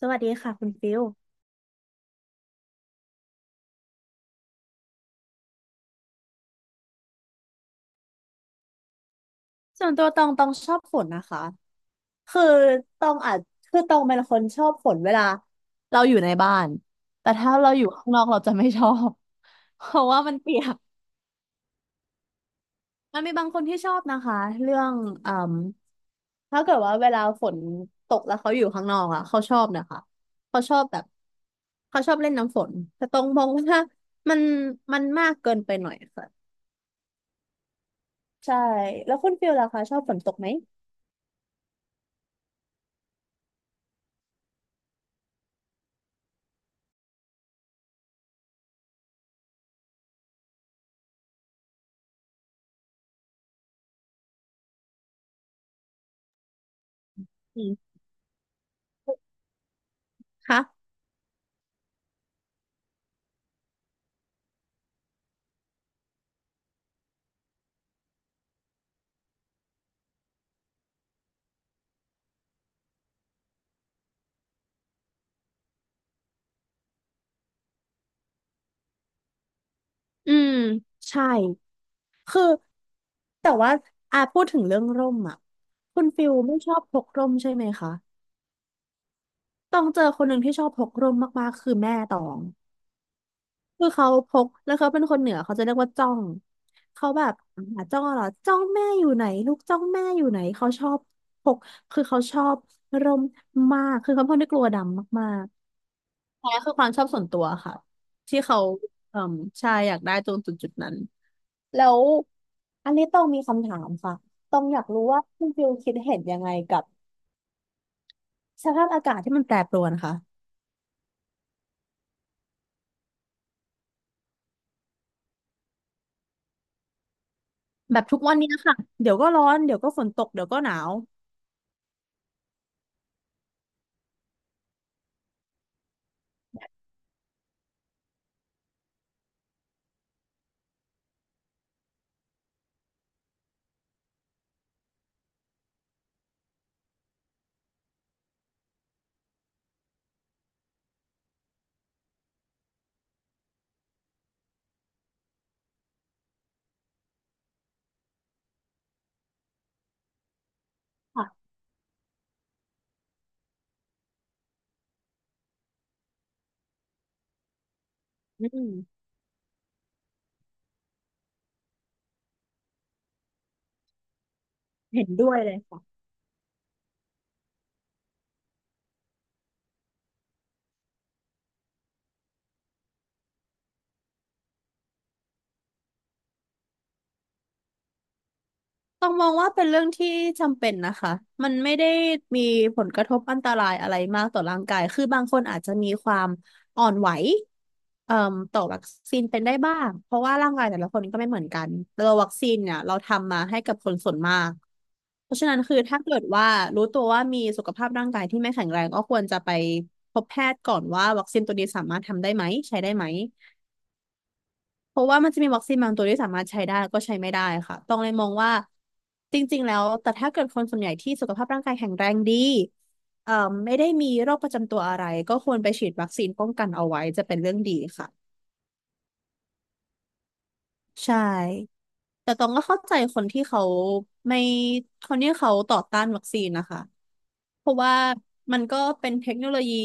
สวัสดีค่ะคุณฟิลส่วนตัวตองชอบฝนนะคะคือตองอาจตองเป็นคนชอบฝนเวลาเราอยู่ในบ้านแต่ถ้าเราอยู่ข้างนอกเราจะไม่ชอบ เพราะว่ามันเปียกมันมีบางคนที่ชอบนะคะเรื่องอืมถ้าเกิดว่าเวลาฝนตกแล้วเขาอยู่ข้างนอกอะเขาชอบนะคะเขาชอบแบบเขาชอบเล่นน้ำฝนแต่ตองมองว่ามันมันมากเกินไปหน่อยค่ะใช่แล้วคุณฟิลล่ะคะชอบฝนตกไหมอืมคะ อืมใช่คือแต่ว่าอ่ะพูดถึงเรื่องร่มอ่ะคุณฟิลไม่ชอบพกร่มใช่ไหมคะต้องเจอคนหนึ่งที่ชอบพกร่มมากๆคือแม่ตองคือเขาพกแล้วเขาเป็นคนเหนือเขาจะเรียกว่าจ้องเขาแบบหาจ้องเหรอจ้องแม่อยู่ไหนลูกจ้องแม่อยู่ไหนพกเขาชอบร่มมากคือเขาเป็นคนที่กลัวดำมากๆ อันนี้คือความชอบส่วนตัวค่ะที่เขาเอ่มใช่อยากได้ตรงจุดนั้นแล้วอันนี้ต้องมีคำถามค่ะต้องอยากรู้ว่าคุณฟิลคิดเห็นยังไงกับสภาพอากาศที่มันแปรปรวนค่ะแบบทุกวันนี้ค่ะเดี๋ยวก็ร้อนเดี๋ยวก็ฝนตกเดี๋ยวก็หนาวค่ะอืมเห็นด้วยเลย ต้องมองว่าเป็นเรื่องที่จำเป็นนะคะ มันไม่ได้มีผลกระทบอันตรายอะไรมากต่อร่างกาย คือบางคนอาจจะมีความอ่อนไหวเอ่มต่อวัคซีนเป็นได้บ้าง เพราะว่าร่างกายแต่ละคนก็ไม่เหมือนกันตัววัคซีนเนี่ยเราทำมาให้กับคนส่วนมากเพราะฉะนั้นคือถ้าเกิดว่ารู้ตัวว่ามีสุขภาพร่างกายที่ไม่แข็งแรงก็ควรจะไปพบแพทย์ก่อนว่าวัคซีนตัวนี้สามารถทำได้ไหมใช้ได้ไหม เพราะว่ามันจะมีวัคซีนบางตัวที่สามารถใช้ได้แล้วก็ใช้ไม่ได้ค่ะต้องเลยมองว่าจริงๆแล้วแต่ถ้าเกิดคนส่วนใหญ่ที่สุขภาพร่างกายแข็งแรงดีเอ่อไม่ได้มีโรคประจำตัวอะไรก็ควรไปฉีดวัคซีนป้องกันเอาไว้จะเป็นเรื่องดีค่ะใช่แต่ตองก็เข้าใจไม่คนที่เขาต่อต้านวัคซีนนะคะเพราะว่ามันก็เป็นเทคโนโลยี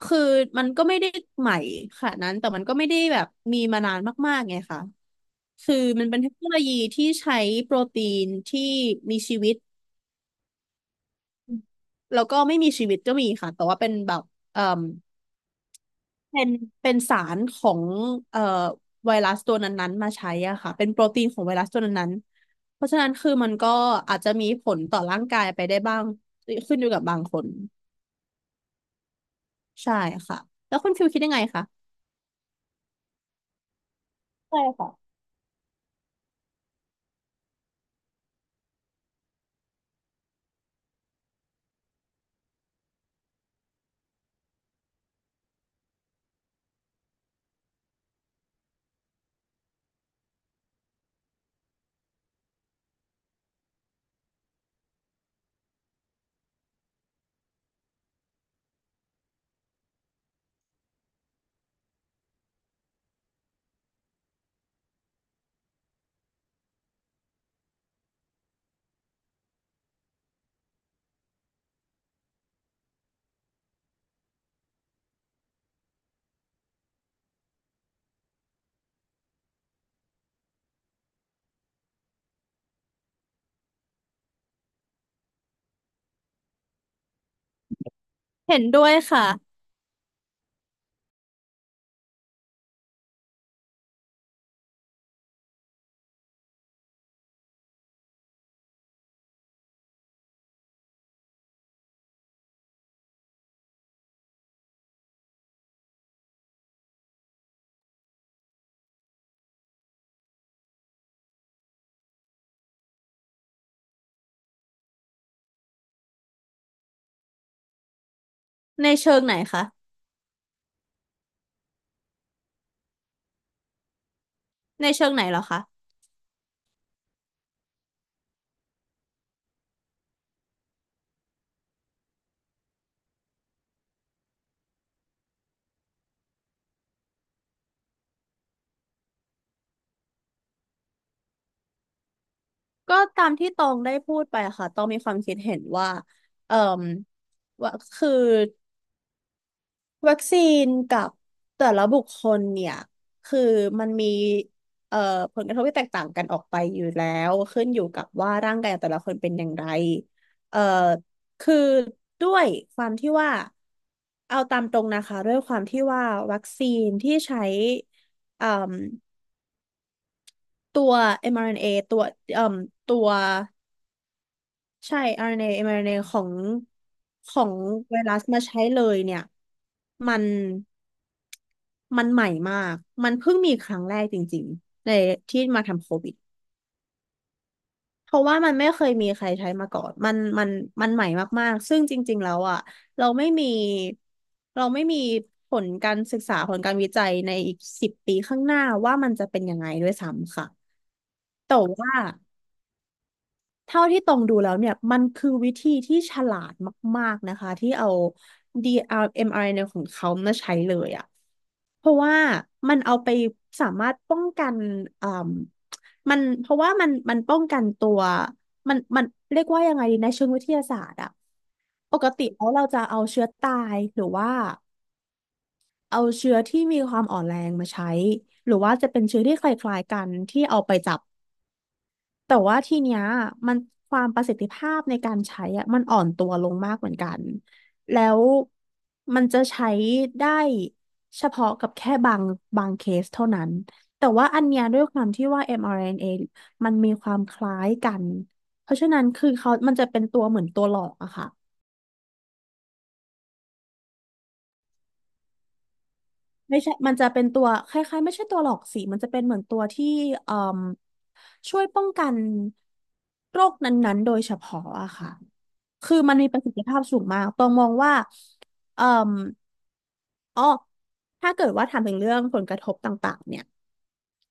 คือมันก็ไม่ได้ใหม่ขนาดนั้นแต่มันก็ไม่ได้แบบมีมานานมากๆไงค่ะคือมันเป็นเทคโนโลยีที่ใช้โปรตีนที่มีชีวิตแล้วก็ไม่มีชีวิตก็มีค่ะแต่ว่าเป็นแบบเอ่อเป็นเป็นสารของเอ่อไวรัสตัวนั้นๆมาใช้อ่ะค่ะเป็นโปรตีนของไวรัสตัวนั้นๆเพราะฉะนั้นคือมันก็อาจจะมีผลต่อร่างกายไปได้บ้างขึ้นอยู่กับบางคนใช่ค่ะแล้วคุณฟิวคิดยังไงคะใช่ค่ะเห็นด้วยค่ะ ในเชิงไหนคะในเชิงไหนเหรอคะก็ตามที่ตองได้พูดไปค่ะตองมีความคิดเห็นว่าเอ่มว่าคือวัคซีนกับแต่ละบุคคลเนี่ยคือมันมีเอ่อผลกระทบที่แตกต่างกันออกไปอยู่แล้วขึ้นอยู่กับว่าร่างกายของแต่ละคนเป็นอย่างไรเอ่อคือด้วยความที่ว่าเอาตามตรงนะคะด้วยความที่ว่าวัคซีนที่ใช้เอ่ม ตัว mRNA ตัวเอ่มตัวใช่ RNA mRNA ของไวรัสมาใช้เลยเนี่ย มัน มันใหม่มาก มันเพิ่งมีครั้งแรกจริงๆในที่มาทำโควิดเพราะว่ามันไม่เคยมีใครใช้มาก่อน มันใหม่มากๆ ซึ่งจริงๆแล้วอ่ะเราไม่มี เราไม่มีผลการศึกษาผลการวิจัยในอีก10 ปีข้างหน้าว่ามันจะเป็นยังไงด้วยซ้ำค่ะ แต่ว่า เท่าที่ตรงดูแล้วเนี่ยมันคือวิธีที่ฉลาดมากๆนะคะที่เอา DRMRNA ของเขามาใช้เลยอะเพราะว่ามันเอาไปสามารถป้องกันอ่มมันเพราะว่ามันมันป้องกันตัวมันเรียกว่ายังไงดีในเชิงวิทยาศาสตร์อะปกติแล้วเราจะเอาเชื้อตายหรือว่าเอาเชื้อที่มีความอ่อนแรงมาใช้หรือว่าจะเป็นเชื้อที่คล้ายๆกันที่เอาไปจับ แต่ว่าทีเนี้ยมันความประสิทธิภาพในการใช้อะมันอ่อนตัวลงมากเหมือนกันแล้วมันจะใช้ได้เฉพาะกับแค่บางเคสเท่านั้นแต่ว่าอันเนี้ยด้วยความที่ว่า mRNA มอาร์เอ็นเอมันมีความคล้ายกันเพราะฉะนั้นคือเขามันจะเป็นตัวเหมือนตัวหลอกอะค่ะไม่ใช่มันจะเป็นตัวคล้ายๆไม่ใช่ตัวหลอกสิมันจะเป็นเหมือนตัวที่เอ่มช่วยป้องกันโรคนั้นๆโดยเฉพาะอะค่ะ คือมันมีประสิทธิภาพสูงมากตองมองว่าเอ่ออ๋อถ้าเกิดว่าถามถึงเรื่องผลกระทบต่างๆ เนี่ย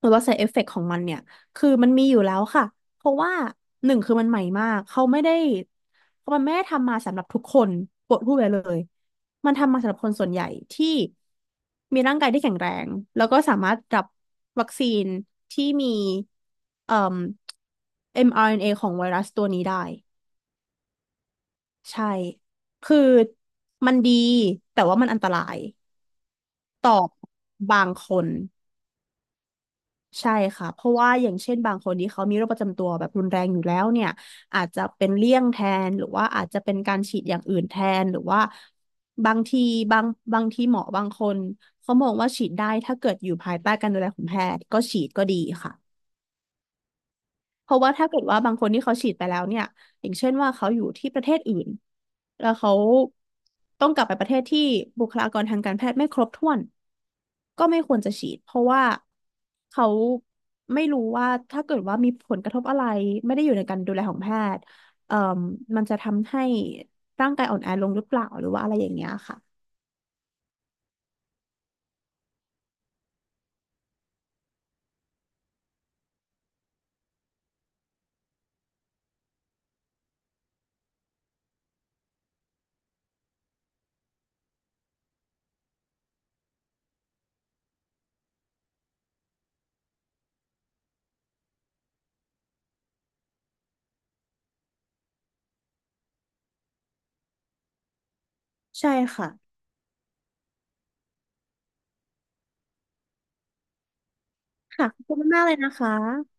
หรือว่า side effect ของมันเนี่ย คือมันมีอยู่แล้วค่ะ เพราะว่าหนึ่งคือมันใหม่มาก เขาไม่ได้ มันไม่ได้ทำมาสำหรับทุกคนปวดพูดไปเลย มันทำมาสำหรับคนส่วนใหญ่ที่มีร่างกายที่แข็งแรงแล้วก็สามารถรับวัคซีนที่มีเอ่อเอ็มอาร์เอ็นเอของไวรัสตัวนี้ได้ ใช่ คือมันดีแต่ว่ามันอันตรายต่อบางคนใช่ค่ะเพราะว่าอย่างเช่นบางคนที่เขามีโรคประจำตัวแบบรุนแรงอยู่แล้วเนี่ยอาจจะเป็นเลี่ยงแทนหรือว่าอาจจะเป็นการฉีดอย่างอื่นแทนหรือว่าบางทีบางบางทีหมอบางคนเขามองว่าฉีดได้ถ้าเกิดอยู่ภายใต้การดูแลของแพทย์ก็ฉีดก็ดีค่ะ เพราะว่าถ้าเกิดว่าบางคนที่เขาฉีดไปแล้วเนี่ยอย่างเช่นว่าเขาอยู่ที่ประเทศอื่นแล้วเขาต้องกลับไปประเทศที่บุคลากรทางการแพทย์ไม่ครบถ้วนก็ไม่ควรจะฉีดเพราะว่าเขาไม่รู้ว่าถ้าเกิดว่ามีผลกระทบอะไรไม่ได้อยู่ในการดูแลของแพทย์เอ่มมันจะทำให้ร่างกายอ่อนแอลงหรือเปล่าหรือว่าอะไรอย่างเงี้ยค่ะใช่ค่ะค่ะขอบคุณมากเลยนะคะ